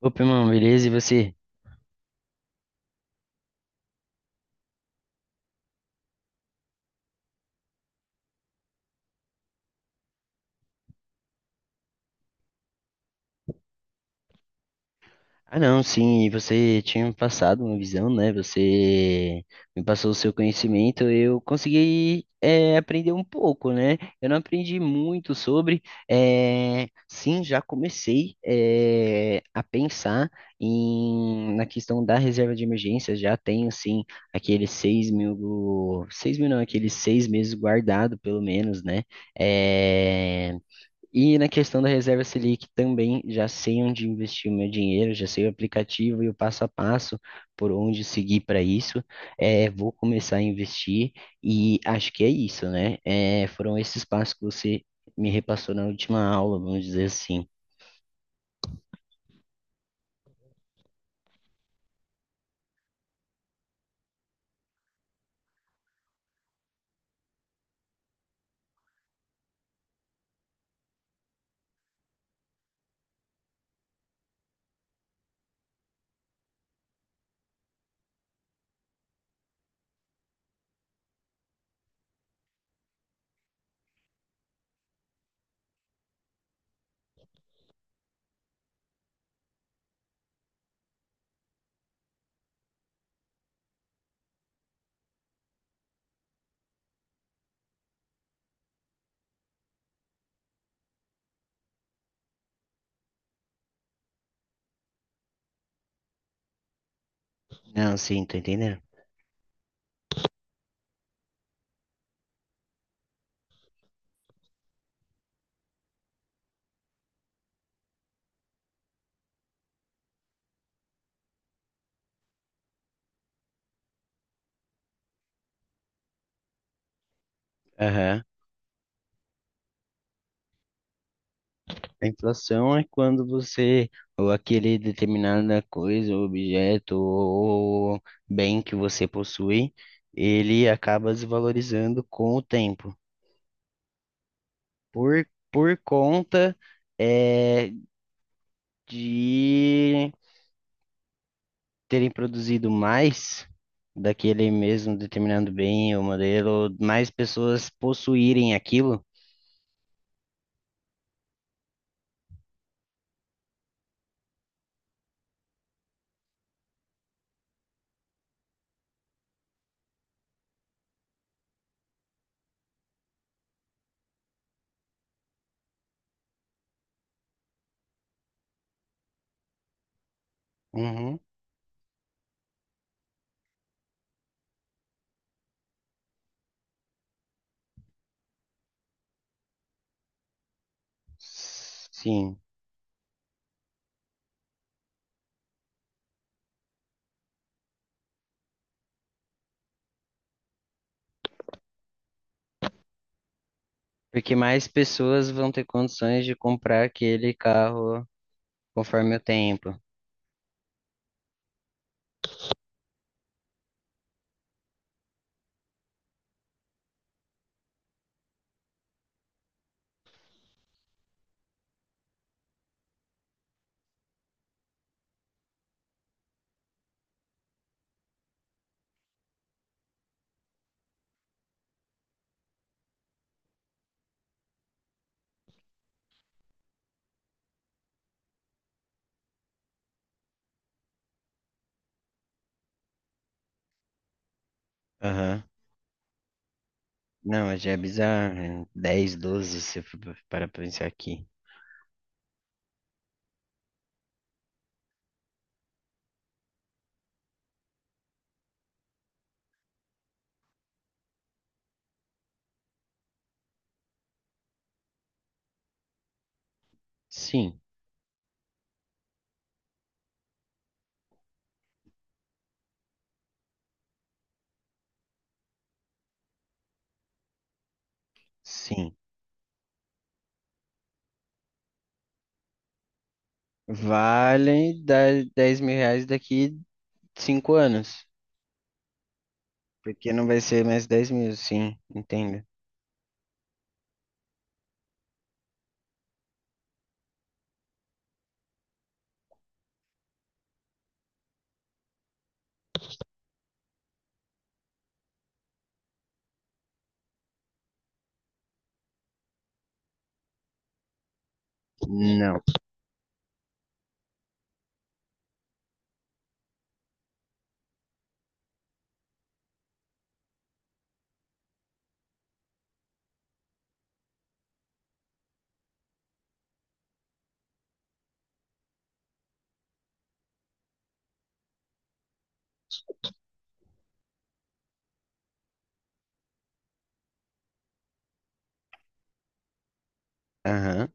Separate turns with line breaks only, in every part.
Opa, irmão, beleza? E você? Ah, não, sim, e você tinha me passado uma visão, né? Você me passou o seu conhecimento, eu consegui aprender um pouco, né? Eu não aprendi muito sobre, sim, já comecei a pensar na questão da reserva de emergência, já tenho, sim, aqueles 6.000, 6.000 não, aqueles 6 meses guardado, pelo menos, né? Eh, E na questão da reserva Selic também já sei onde investir o meu dinheiro, já sei o aplicativo e o passo a passo por onde seguir para isso. É, vou começar a investir e acho que é isso, né? É, foram esses passos que você me repassou na última aula, vamos dizer assim. Não, sim, tô entendendo. Aham. A inflação é quando você, ou aquele determinada coisa, ou objeto, ou bem que você possui, ele acaba desvalorizando com o tempo. Por conta é, de terem produzido mais daquele mesmo determinado bem ou modelo, mais pessoas possuírem aquilo. Uhum. Sim, porque mais pessoas vão ter condições de comprar aquele carro conforme o tempo. Aham. Não, mas já é bizarro. 10, 12, se for para pensar aqui. Sim, sim. Valem R$ 10.000 daqui 5 anos. Porque não vai ser mais 10.000, sim, entenda. Não. Aham.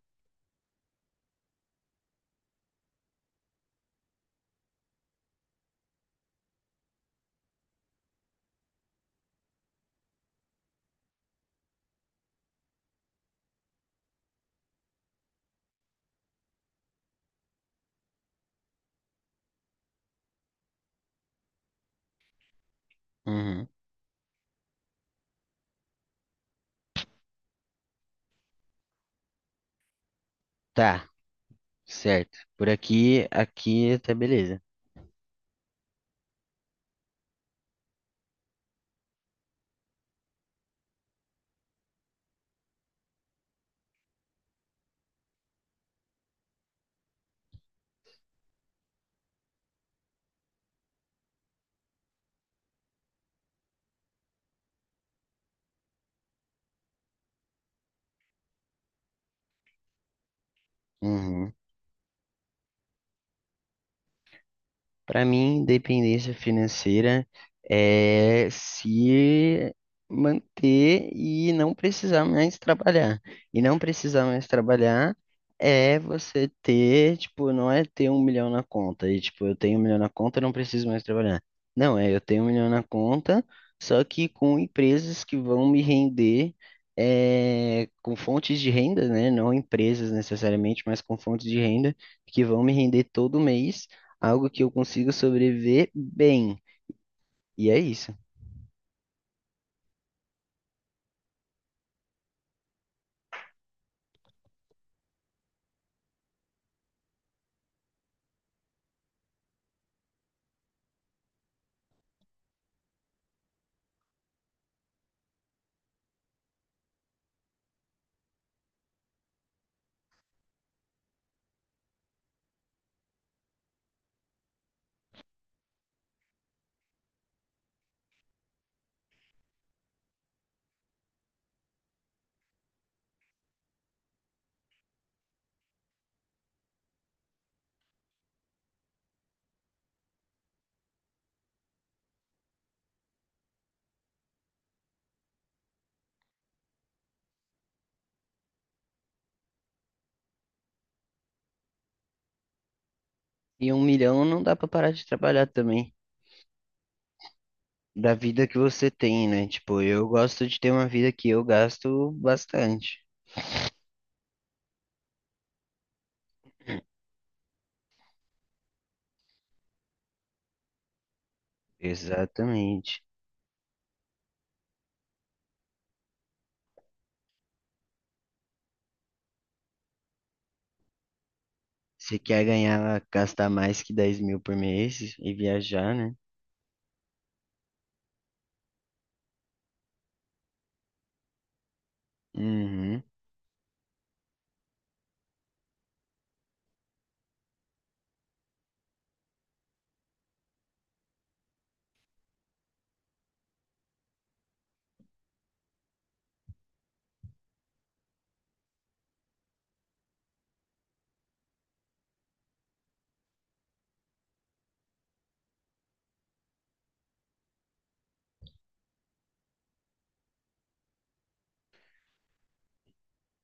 Uhum. Tá, certo. Por aqui, aqui tá beleza. Uhum. Para mim, independência financeira é se manter e não precisar mais trabalhar. E não precisar mais trabalhar é você ter, tipo, não é ter 1 milhão na conta. E, tipo, eu tenho 1 milhão na conta, eu não preciso mais trabalhar. Não, é eu tenho 1 milhão na conta, só que com empresas que vão me render. É, com fontes de renda, né? Não empresas necessariamente, mas com fontes de renda que vão me render todo mês algo que eu consiga sobreviver bem. E é isso. E 1 milhão não dá pra parar de trabalhar também, da vida que você tem, né? Tipo, eu gosto de ter uma vida que eu gasto bastante. Exatamente. Você quer ganhar, gastar mais que 10.000 por mês e viajar, né? Uhum.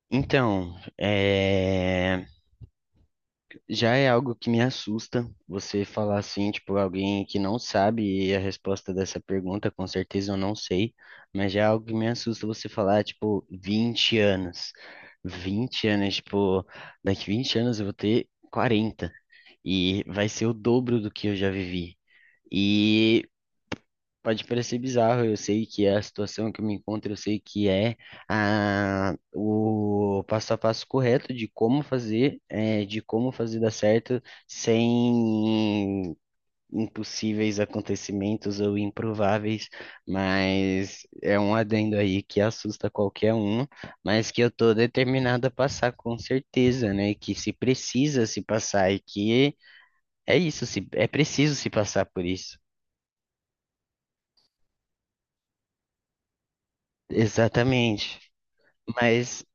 Então, é... Já é algo que me assusta você falar assim, tipo, alguém que não sabe a resposta dessa pergunta, com certeza eu não sei, mas já é algo que me assusta você falar, tipo, 20 anos. 20 anos, tipo, daqui 20 anos eu vou ter 40 e vai ser o dobro do que eu já vivi. E pode parecer bizarro, eu sei que é a situação que eu me encontro, eu sei que é a, o passo a passo correto de como fazer, de como fazer dar certo sem impossíveis acontecimentos ou improváveis, mas é um adendo aí que assusta qualquer um, mas que eu tô determinado a passar com certeza, né? Que se precisa se passar e que é isso, se, é preciso se passar por isso. Exatamente. Mas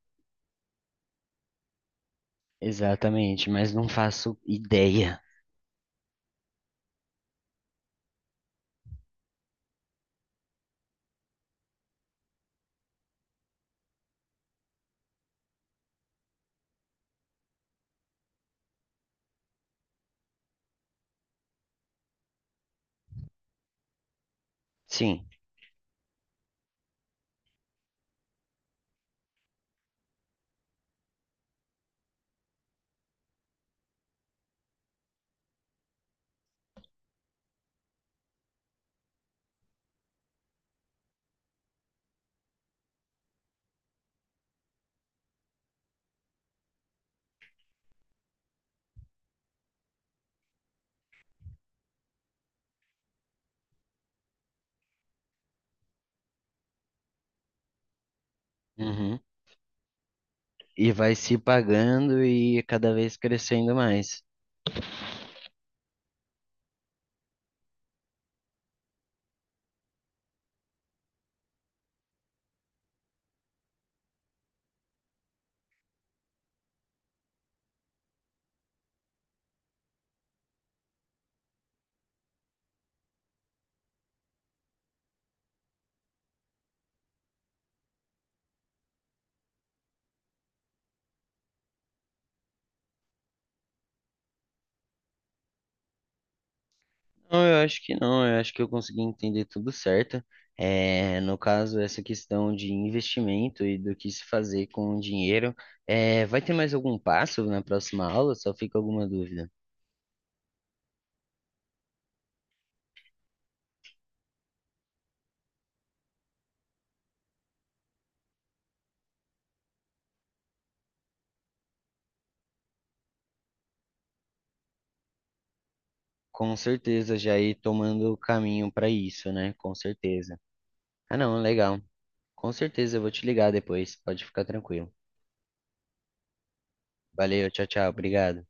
exatamente, mas não faço ideia. Sim. Uhum. E vai se pagando e cada vez crescendo mais. Não, eu acho que não, eu acho que eu consegui entender tudo certo. É, no caso, essa questão de investimento e do que se fazer com o dinheiro. É, vai ter mais algum passo na próxima aula? Só fica alguma dúvida. Com certeza, já ir tomando o caminho para isso, né? Com certeza. Ah, não, legal. Com certeza, eu vou te ligar depois, pode ficar tranquilo. Valeu, tchau, tchau, obrigado.